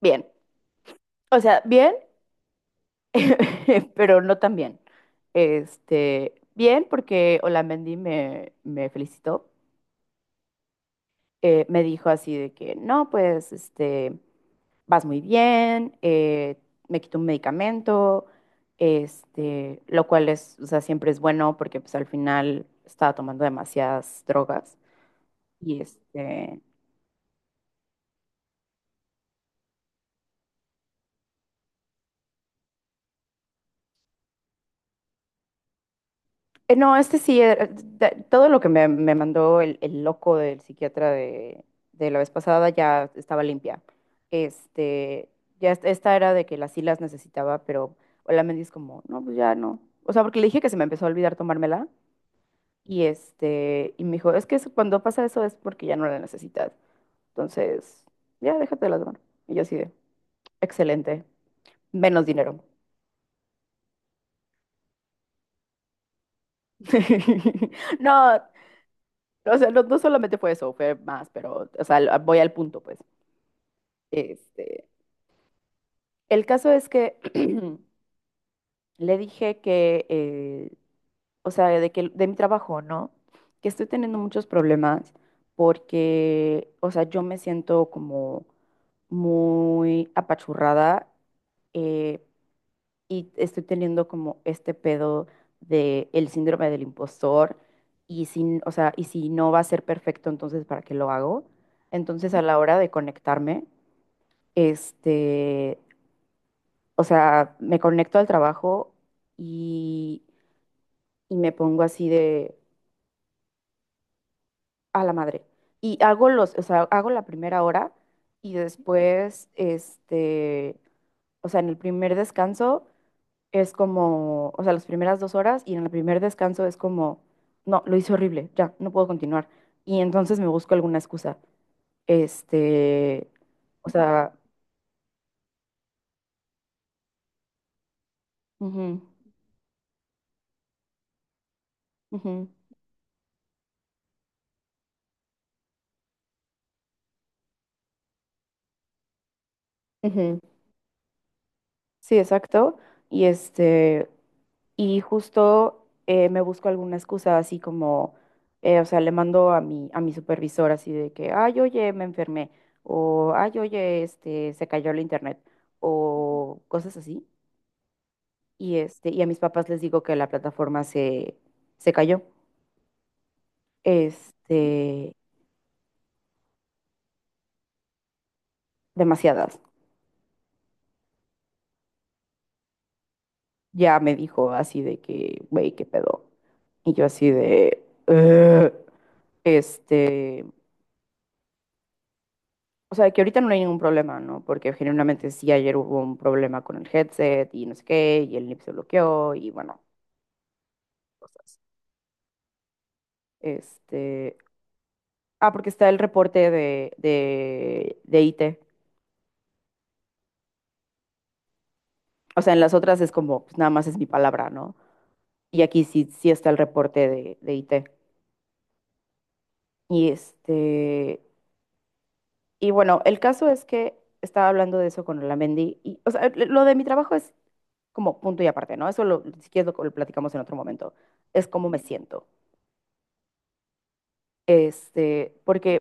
Bien, o sea, bien, pero no tan bien. Bien, porque Olamendi me felicitó. Me dijo así de que, no, pues, vas muy bien, me quitó un medicamento, lo cual es, o sea, siempre es bueno porque pues al final estaba tomando demasiadas drogas y este, No, este sí, todo lo que me mandó el loco del psiquiatra de la vez pasada ya estaba limpia. Este, Esta era de que las sí las necesitaba, pero la me dice como, no, pues ya no. O sea, porque le dije que se me empezó a olvidar tomármela y me dijo, es que cuando pasa eso es porque ya no la necesitas. Entonces, ya déjate de las tomar. Y yo así de, excelente, menos dinero. No, o sea, no, no solamente fue eso, fue más, pero, o sea, voy al punto, pues. Este, el caso es que le dije que, o sea, de que de mi trabajo, ¿no? Que estoy teniendo muchos problemas porque, o sea, yo me siento como muy apachurrada, eh, y estoy teniendo como este pedo de el síndrome del impostor y si, o sea, y si no va a ser perfecto, entonces ¿para qué lo hago? Entonces a la hora de conectarme, este, o sea, me conecto al trabajo y, y me pongo así de a la madre. Y hago o sea, hago la primera hora y después, o sea, en el primer descanso es como, o sea, las primeras 2 horas y en el primer descanso es como, no, lo hice horrible, ya, no puedo continuar. Y entonces me busco alguna excusa. Este, o sea, ujú, ujú, ujú. Sí, exacto. Y este, y justo me busco alguna excusa así como, o sea, le mando a mi supervisor así de que, ay, oye, me enfermé, o ay, oye, se cayó el internet, o cosas así. Y a mis papás les digo que la plataforma se cayó. Este, demasiadas. Ya me dijo así de que, güey, qué pedo. Y yo así de, "Ugh". este, o sea, que ahorita no hay ningún problema, ¿no? Porque generalmente sí, ayer hubo un problema con el headset y no sé qué, y el NIP se bloqueó y bueno, cosas. Este, ah, porque está el reporte de IT. O sea, en las otras es como, pues nada más es mi palabra, ¿no? Y aquí sí, sí está el reporte de IT. Y este, y bueno, el caso es que estaba hablando de eso con Olamendi. Y, o sea, lo de mi trabajo es como punto y aparte, ¿no? Eso lo, si quieres lo platicamos en otro momento. Es cómo me siento. Este, porque,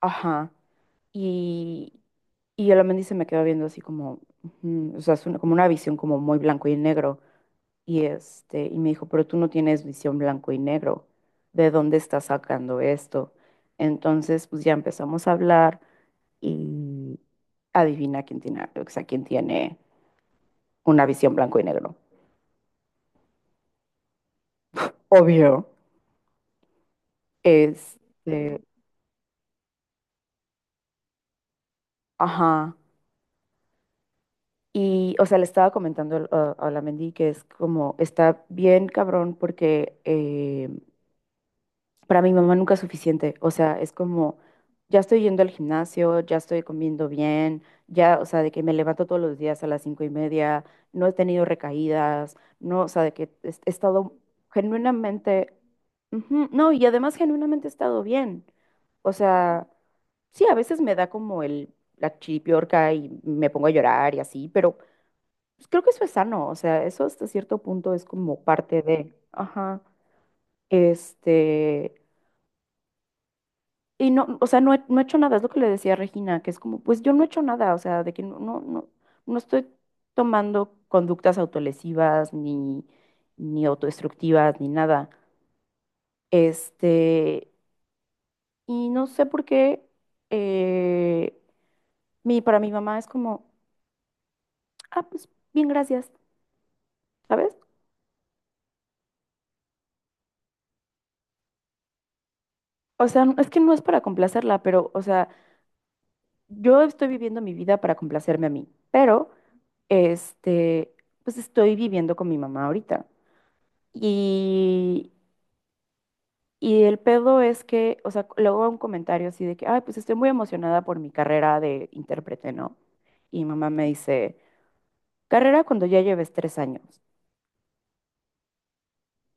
ajá. Y, y Olamendi se me quedó viendo así como, ujú, o sea, es como una visión como muy blanco y negro. Y, y me dijo, pero tú no tienes visión blanco y negro, ¿de dónde estás sacando esto? Entonces, pues ya empezamos a hablar y adivina quién tiene, o sea, quién tiene una visión blanco y negro. Obvio. Este, ajá. Y, o sea, le estaba comentando a la Mendy que es como, está bien cabrón porque para mi mamá nunca es suficiente, o sea, es como, ya estoy yendo al gimnasio, ya estoy comiendo bien, ya, o sea, de que me levanto todos los días a las 5:30, no he tenido recaídas, no, o sea, de que he estado genuinamente, ujú, no, y además genuinamente he estado bien, o sea, sí, a veces me da como la chiripiorca y me pongo a llorar y así, pero pues, creo que eso es sano, o sea, eso hasta cierto punto es como parte de, ajá. Este, Y no, o sea, no he hecho nada, es lo que le decía a Regina, que es como, pues yo no he hecho nada, o sea, de que no, no, no, no estoy tomando conductas autolesivas, ni, ni autodestructivas, ni nada. Este, y no sé por qué, eh, para mi mamá es como, ah, pues bien, gracias, ¿sabes? O sea, es que no es para complacerla, pero, o sea, yo estoy viviendo mi vida para complacerme a mí, pero, este, pues estoy viviendo con mi mamá ahorita. Y, y el pedo es que, o sea, luego un comentario así de que, ay, pues estoy muy emocionada por mi carrera de intérprete, ¿no? Y mi mamá me dice, carrera cuando ya lleves 3 años.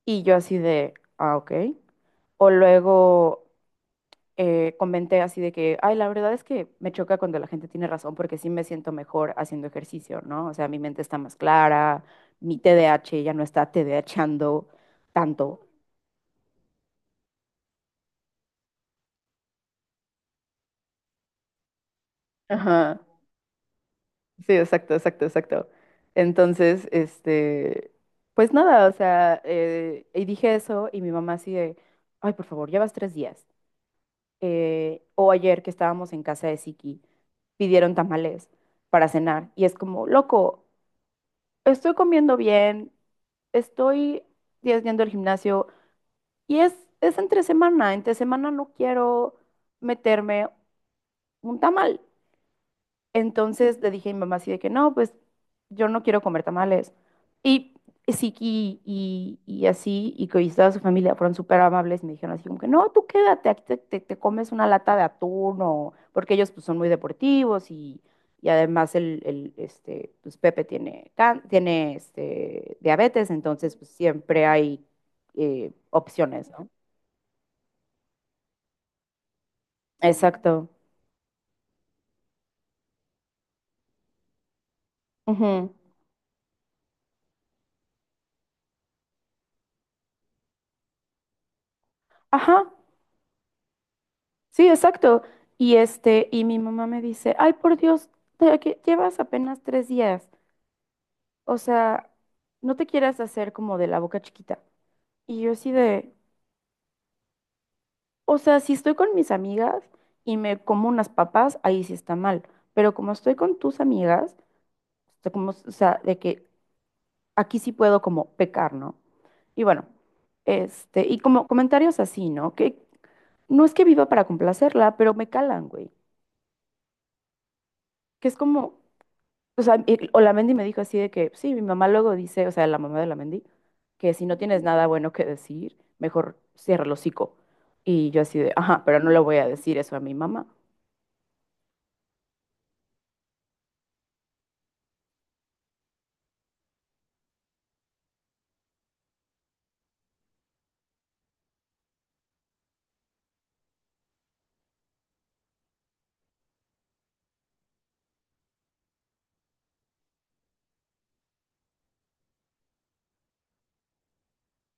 Y yo así de, ah, ok. O luego comenté así de que, ay, la verdad es que me choca cuando la gente tiene razón porque sí me siento mejor haciendo ejercicio, ¿no? O sea, mi mente está más clara, mi TDAH ya no está TDAHando tanto. Ajá. Sí, exacto, exacto, exacto. Entonces, pues nada, o sea, y dije eso y mi mamá así de, ay, por favor, llevas 3 días. O ayer que estábamos en casa de Siki, pidieron tamales para cenar y es como, loco, estoy comiendo bien, estoy días yendo al gimnasio y es entre semana no quiero meterme un tamal. Entonces le dije a mi mamá así de que no, pues yo no quiero comer tamales. Y sí, y así, y que toda su familia fueron súper amables, me dijeron así como que no, tú quédate, aquí te comes una lata de atún, o, porque ellos pues son muy deportivos y además el, este, pues Pepe tiene diabetes, entonces pues siempre hay opciones, ¿no? Exacto. Ujú. Ajá. Sí, exacto. Y mi mamá me dice, ay, por Dios, que llevas apenas 3 días. O sea, no te quieras hacer como de la boca chiquita. Y yo así de, o sea, si estoy con mis amigas y me como unas papas, ahí sí está mal. Pero como estoy con tus amigas, o sea, como, o sea, de que aquí sí puedo como pecar, ¿no? Y bueno, y como comentarios así, ¿no? Que no es que viva para complacerla, pero me calan, güey. Que es como, o sea, y Olamendi me dijo así de que, sí, mi mamá luego dice, o sea, la mamá de Olamendi, que si no tienes nada bueno que decir, mejor cierra el hocico. Y yo así de, ajá, pero no le voy a decir eso a mi mamá.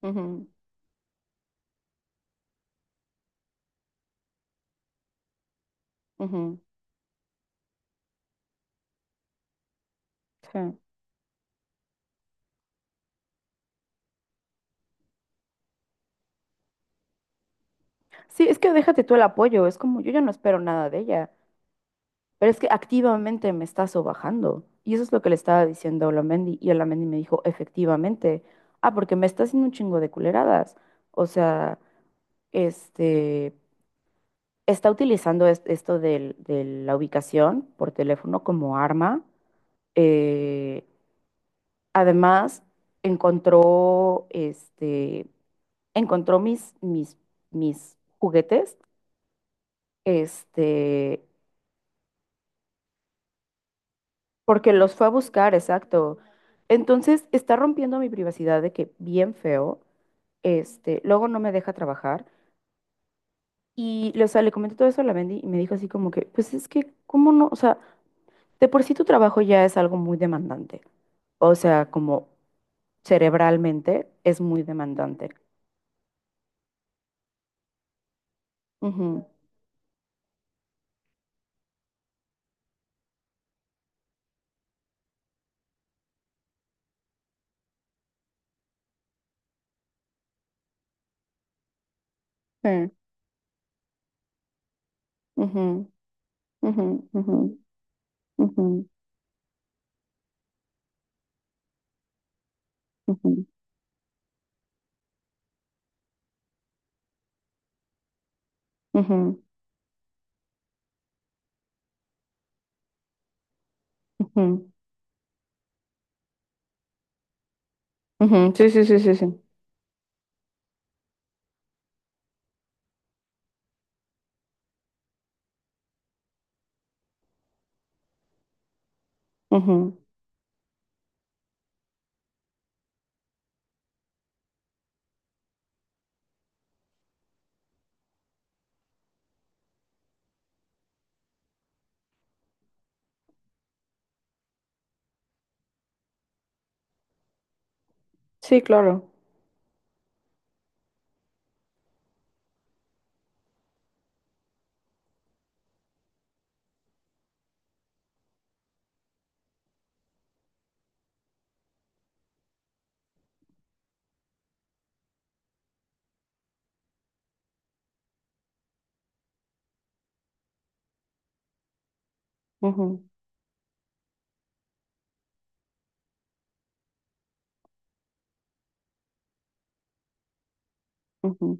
Ujú, ujú, sí. Sí, es que déjate tú el apoyo, es como yo ya no espero nada de ella, pero es que activamente me está sobajando. Y eso es lo que le estaba diciendo a Olamendi. Y Olamendi me dijo, efectivamente, ah, porque me está haciendo un chingo de culeradas. O sea, este, está utilizando esto de la ubicación por teléfono como arma. Eh, además, encontró, encontró mis juguetes, este, porque los fue a buscar, exacto. Entonces, está rompiendo mi privacidad de que bien feo, luego no me deja trabajar. Y, o sea, le comenté todo eso a la Mendy y me dijo así como que, pues es que, ¿cómo no? O sea, de por sí tu trabajo ya es algo muy demandante. O sea, como cerebralmente es muy demandante. Ujú. Sí. Ujú, ujú, ujú, ujú, ujú, ujú, ujú, ujú. Sí, sí, sí, sí, sí. Ujú. Sí, claro. Ujú, ujú,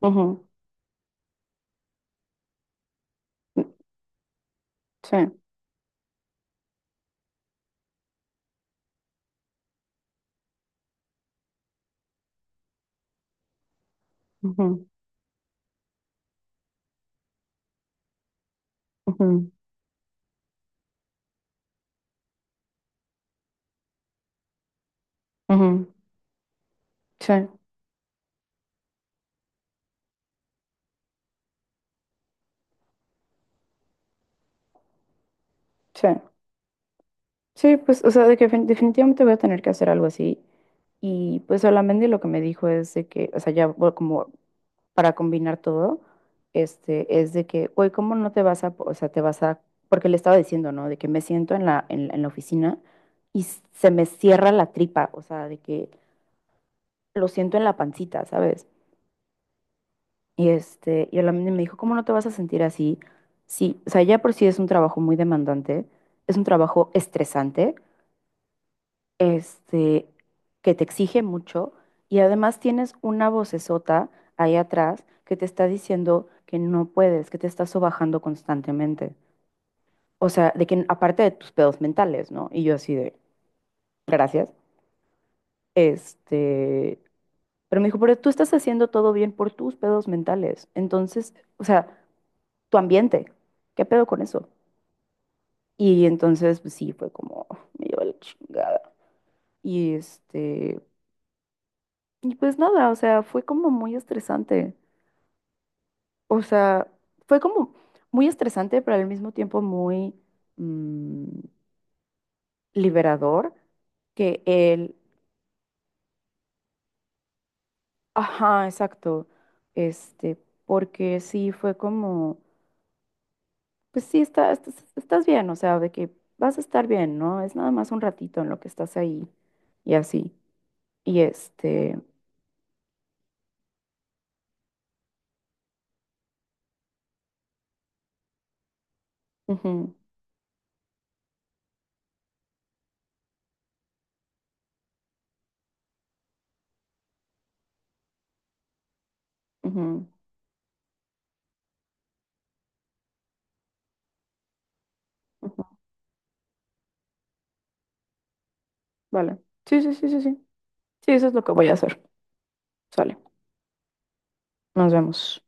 ujú. Sí. Ujú, ujú, ujú. Sí, sí. Sí, pues, o sea, de que definitivamente voy a tener que hacer algo así. Y pues solamente lo que me dijo es de que, o sea, ya voy como para combinar todo, es de que, güey, ¿cómo no te vas a, o sea, te vas a, porque le estaba diciendo, ¿no? De que me siento en la oficina y se me cierra la tripa, o sea, de que lo siento en la pancita, ¿sabes? Y solamente me dijo, ¿cómo no te vas a sentir así? Sí, o sea, ya por sí es un trabajo muy demandante, es un trabajo estresante, este, que te exige mucho y además tienes una vocesota ahí atrás que te está diciendo que no puedes, que te estás sobajando constantemente. O sea, de que aparte de tus pedos mentales, ¿no? Y yo así de, gracias. Este, pero me dijo, pero tú estás haciendo todo bien por tus pedos mentales. Entonces, o sea, tu ambiente, ¿qué pedo con eso? Y entonces, pues sí, fue como, me llevó la chingada. Y este, y pues nada, o sea, fue como muy estresante. O sea, fue como muy estresante, pero al mismo tiempo muy mm, liberador que él, ajá, exacto, este, porque sí fue como, pues sí, estás bien, o sea, de que vas a estar bien, ¿no? Es nada más un ratito en lo que estás ahí y así. Y este, ujú, ujú, ujú, vale. Sí, sí, sí, sí, sí. Sí, eso es lo que voy a hacer. Sale, nos vemos.